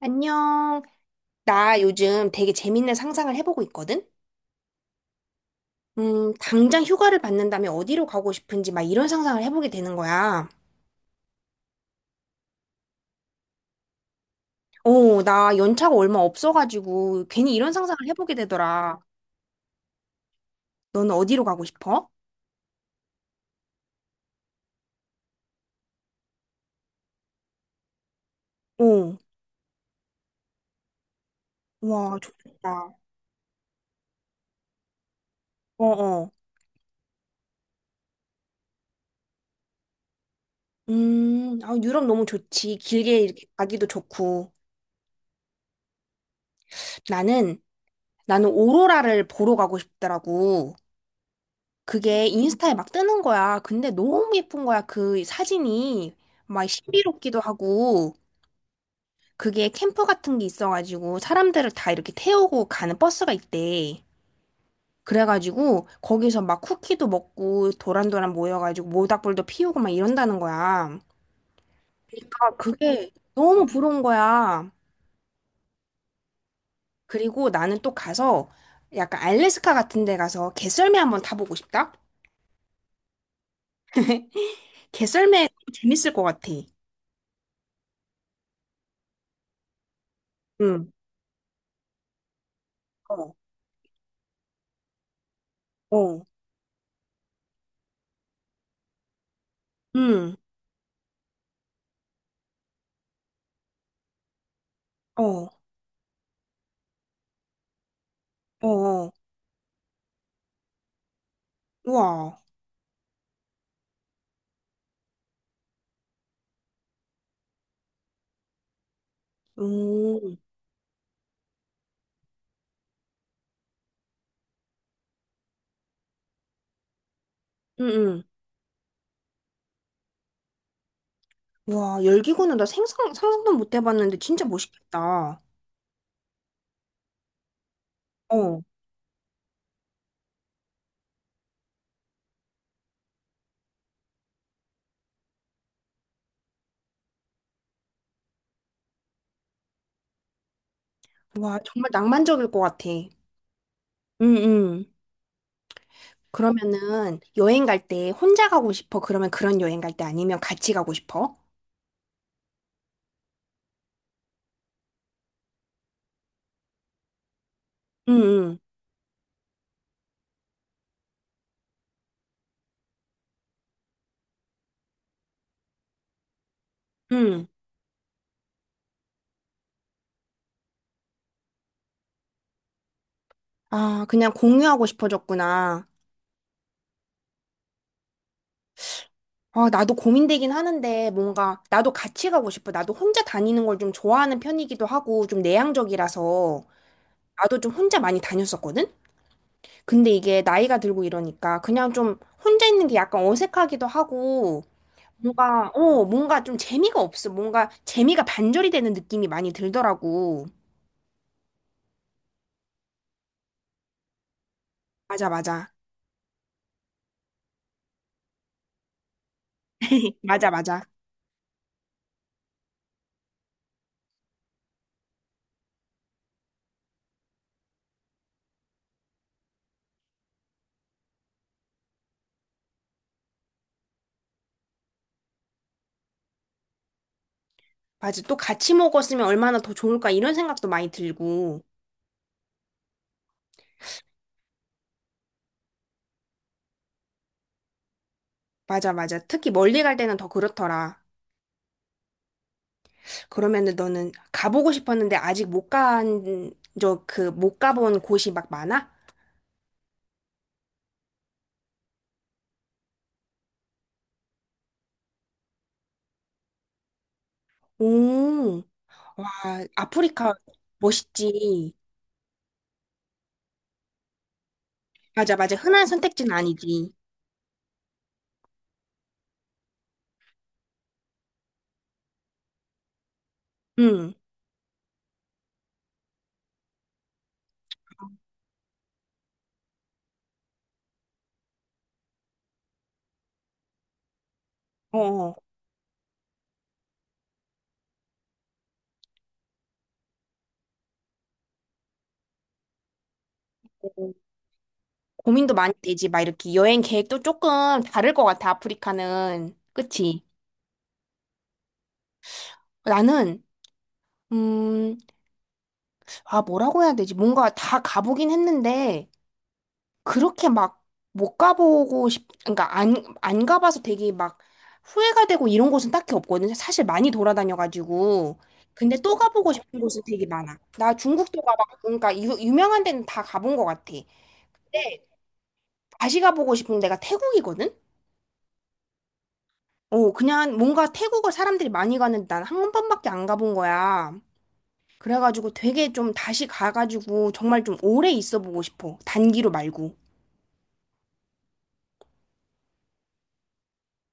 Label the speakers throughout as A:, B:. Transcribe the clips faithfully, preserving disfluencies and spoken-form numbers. A: 안녕. 나 요즘 되게 재밌는 상상을 해보고 있거든? 음, 당장 휴가를 받는다면 어디로 가고 싶은지 막 이런 상상을 해보게 되는 거야. 어, 나 연차가 얼마 없어가지고 괜히 이런 상상을 해보게 되더라. 너는 어디로 가고 싶어? 어, 와, 좋겠다. 어어. 음, 아, 유럽 너무 좋지. 길게 이렇게 가기도 좋고. 나는, 나는 오로라를 보러 가고 싶더라고. 그게 인스타에 막 뜨는 거야. 근데 너무 예쁜 거야. 그 사진이 막 신비롭기도 하고 그게 캠프 같은 게 있어가지고 사람들을 다 이렇게 태우고 가는 버스가 있대. 그래가지고 거기서 막 쿠키도 먹고 도란도란 모여가지고 모닥불도 피우고 막 이런다는 거야. 그러니까 그게 너무 부러운 거야. 그리고 나는 또 가서 약간 알래스카 같은 데 가서 개썰매 한번 타보고 싶다. 개썰매 재밌을 것 같아. 응. 어. 어. 응, 어, 어, 어. 우와, 오, 응, 응. 와, 열기구는 나 생상, 상상도 못 해봤는데 진짜 멋있겠다. 어, 와, 정말 낭만적일 것 같아. 응, 응. 그러면은 여행 갈 때 혼자 가고 싶어? 그러면 그런 여행 갈 때 아니면 같이 가고 싶어? 응, 응, 응. 아, 그냥 공유하고 싶어졌구나. 아, 나도 고민되긴 하는데 뭔가 나도 같이 가고 싶어. 나도 혼자 다니는 걸 좀 좋아하는 편이기도 하고 좀 내향적이라서. 나도 좀 혼자 많이 다녔었거든? 근데 이게 나이가 들고 이러니까 그냥 좀 혼자 있는 게 약간 어색하기도 하고 뭔가, 어, 뭔가 좀 재미가 없어. 뭔가 재미가 반절이 되는 느낌이 많이 들더라고. 맞아, 맞아. 맞아, 맞아. 맞아. 또 같이 먹었으면 얼마나 더 좋을까 이런 생각도 많이 들고. 맞아, 맞아. 특히 멀리 갈 때는 더 그렇더라. 그러면은 너는 가보고 싶었는데 아직 못 간, 저 그 못 가본 곳이 막 많아? 오. 와, 아프리카 멋있지. 맞아, 맞아. 흔한 선택지는 아니지. 응. 어, 어. 고민도 많이 되지. 막 이렇게 여행 계획도 조금 다를 것 같아, 아프리카는. 그치? 나는, 음, 아, 뭐라고 해야 되지? 뭔가 다 가보긴 했는데, 그렇게 막 못 가보고 싶, 그러니까 안, 안 가봐서 되게 막 후회가 되고 이런 곳은 딱히 없거든요. 사실 많이 돌아다녀가지고. 근데 또 가보고 싶은 곳은 되게 많아. 나 중국도 가봤고, 그러니까 유, 유명한 데는 다 가본 것 같아. 근데 다시 가보고 싶은 데가 태국이거든? 어, 그냥 뭔가 태국을 사람들이 많이 가는데 난 한 번밖에 안 가본 거야. 그래가지고 되게 좀 다시 가가지고 정말 좀 오래 있어 보고 싶어. 단기로 말고.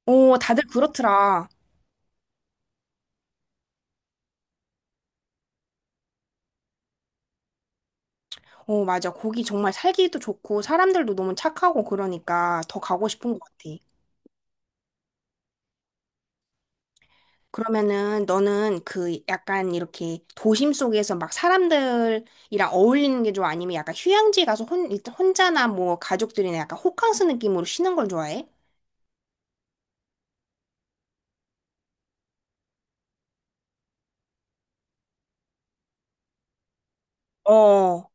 A: 어, 다들 그렇더라. 어, 맞아. 거기 정말 살기도 좋고 사람들도 너무 착하고 그러니까 더 가고 싶은 것 같아. 그러면은 너는 그 약간 이렇게 도심 속에서 막 사람들이랑 어울리는 게 좋아? 아니면 약간 휴양지 가서 혼, 혼자나 뭐 가족들이나 약간 호캉스 느낌으로 쉬는 걸 좋아해? 어.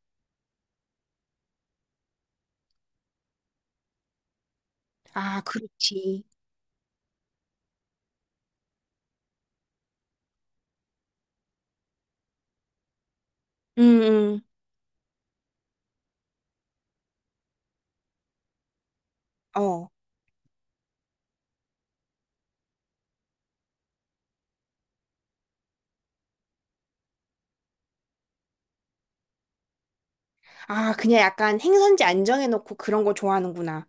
A: 아, 그렇지. 응, 응. 어. 아, 그냥 약간 행선지 안정해놓고 그런 거 좋아하는구나.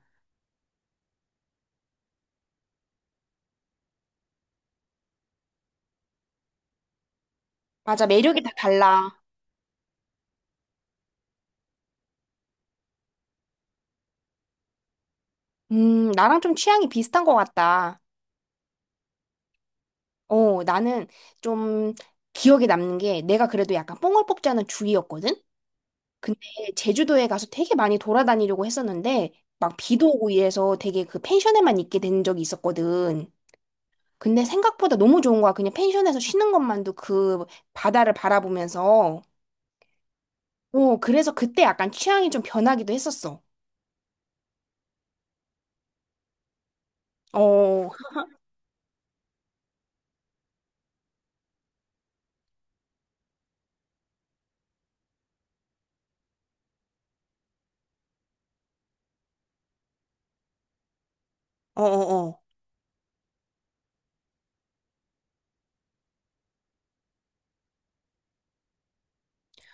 A: 맞아. 매력이 다 달라. 음, 나랑 좀 취향이 비슷한 것 같다. 어, 나는 좀 기억에 남는 게 내가 그래도 약간 뽕을 뽑자는 주의였거든? 근데 제주도에 가서 되게 많이 돌아다니려고 했었는데 막 비도 오고 이래서 되게 그 펜션에만 있게 된 적이 있었거든. 근데 생각보다 너무 좋은 거야. 그냥 펜션에서 쉬는 것만도 그 바다를 바라보면서. 어, 그래서 그때 약간 취향이 좀 변하기도 했었어. 어, 어, 어, 어.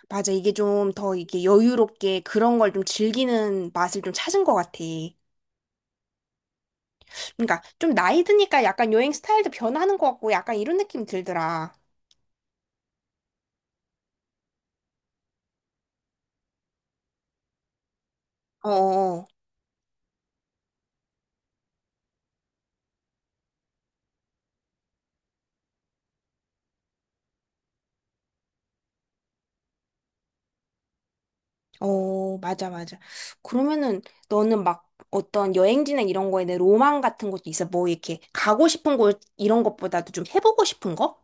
A: 맞아. 이게 좀 더 이게 여유롭게 그런 걸 좀 즐기는 맛을 좀 찾은 것 같아. 그러니까 좀 나이 드니까 약간 여행 스타일도 변하는 것 같고 약간 이런 느낌이 들더라. 어, 어, 어, 맞아, 맞아. 그러면은 너는 막 어떤 여행지나 이런 거에 내 로망 같은 것도 있어? 뭐 이렇게 가고 싶은 곳 이런 것보다도 좀 해보고 싶은 거?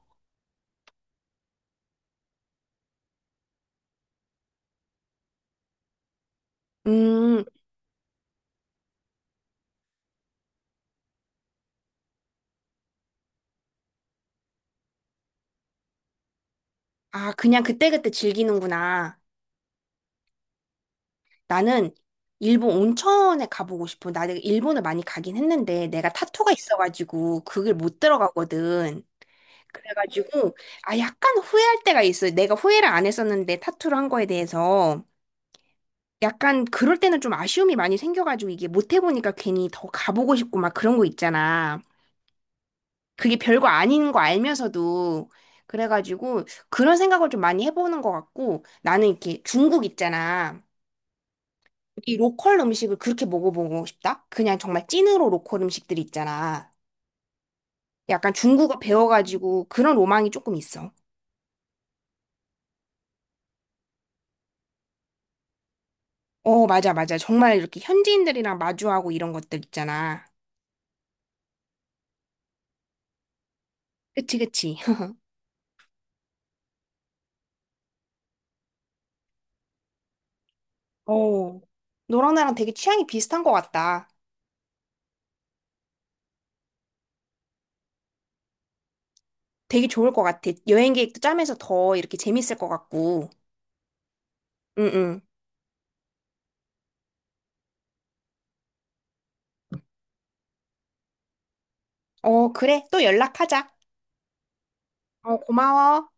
A: 음, 아, 그냥 그때그때 즐기는구나. 나는 일본 온천에 가보고 싶어. 나 내가 일본을 많이 가긴 했는데 내가 타투가 있어가지고 그걸 못 들어가거든. 그래가지고 아 약간 후회할 때가 있어요. 내가 후회를 안 했었는데 타투를 한 거에 대해서 약간 그럴 때는 좀 아쉬움이 많이 생겨가지고 이게 못 해보니까 괜히 더 가보고 싶고 막 그런 거 있잖아. 그게 별거 아닌 거 알면서도 그래가지고 그런 생각을 좀 많이 해보는 것 같고 나는 이렇게 중국 있잖아. 이 로컬 음식을 그렇게 먹어보고 싶다? 그냥 정말 찐으로 로컬 음식들이 있잖아. 약간 중국어 배워가지고 그런 로망이 조금 있어. 어, 맞아, 맞아. 정말 이렇게 현지인들이랑 마주하고 이런 것들 있잖아. 그치, 그치. 어. 너랑 나랑 되게 취향이 비슷한 것 같다. 되게 좋을 것 같아. 여행 계획도 짜면서 더 이렇게 재밌을 것 같고. 응, 응. 어, 그래. 또 연락하자. 어, 고마워.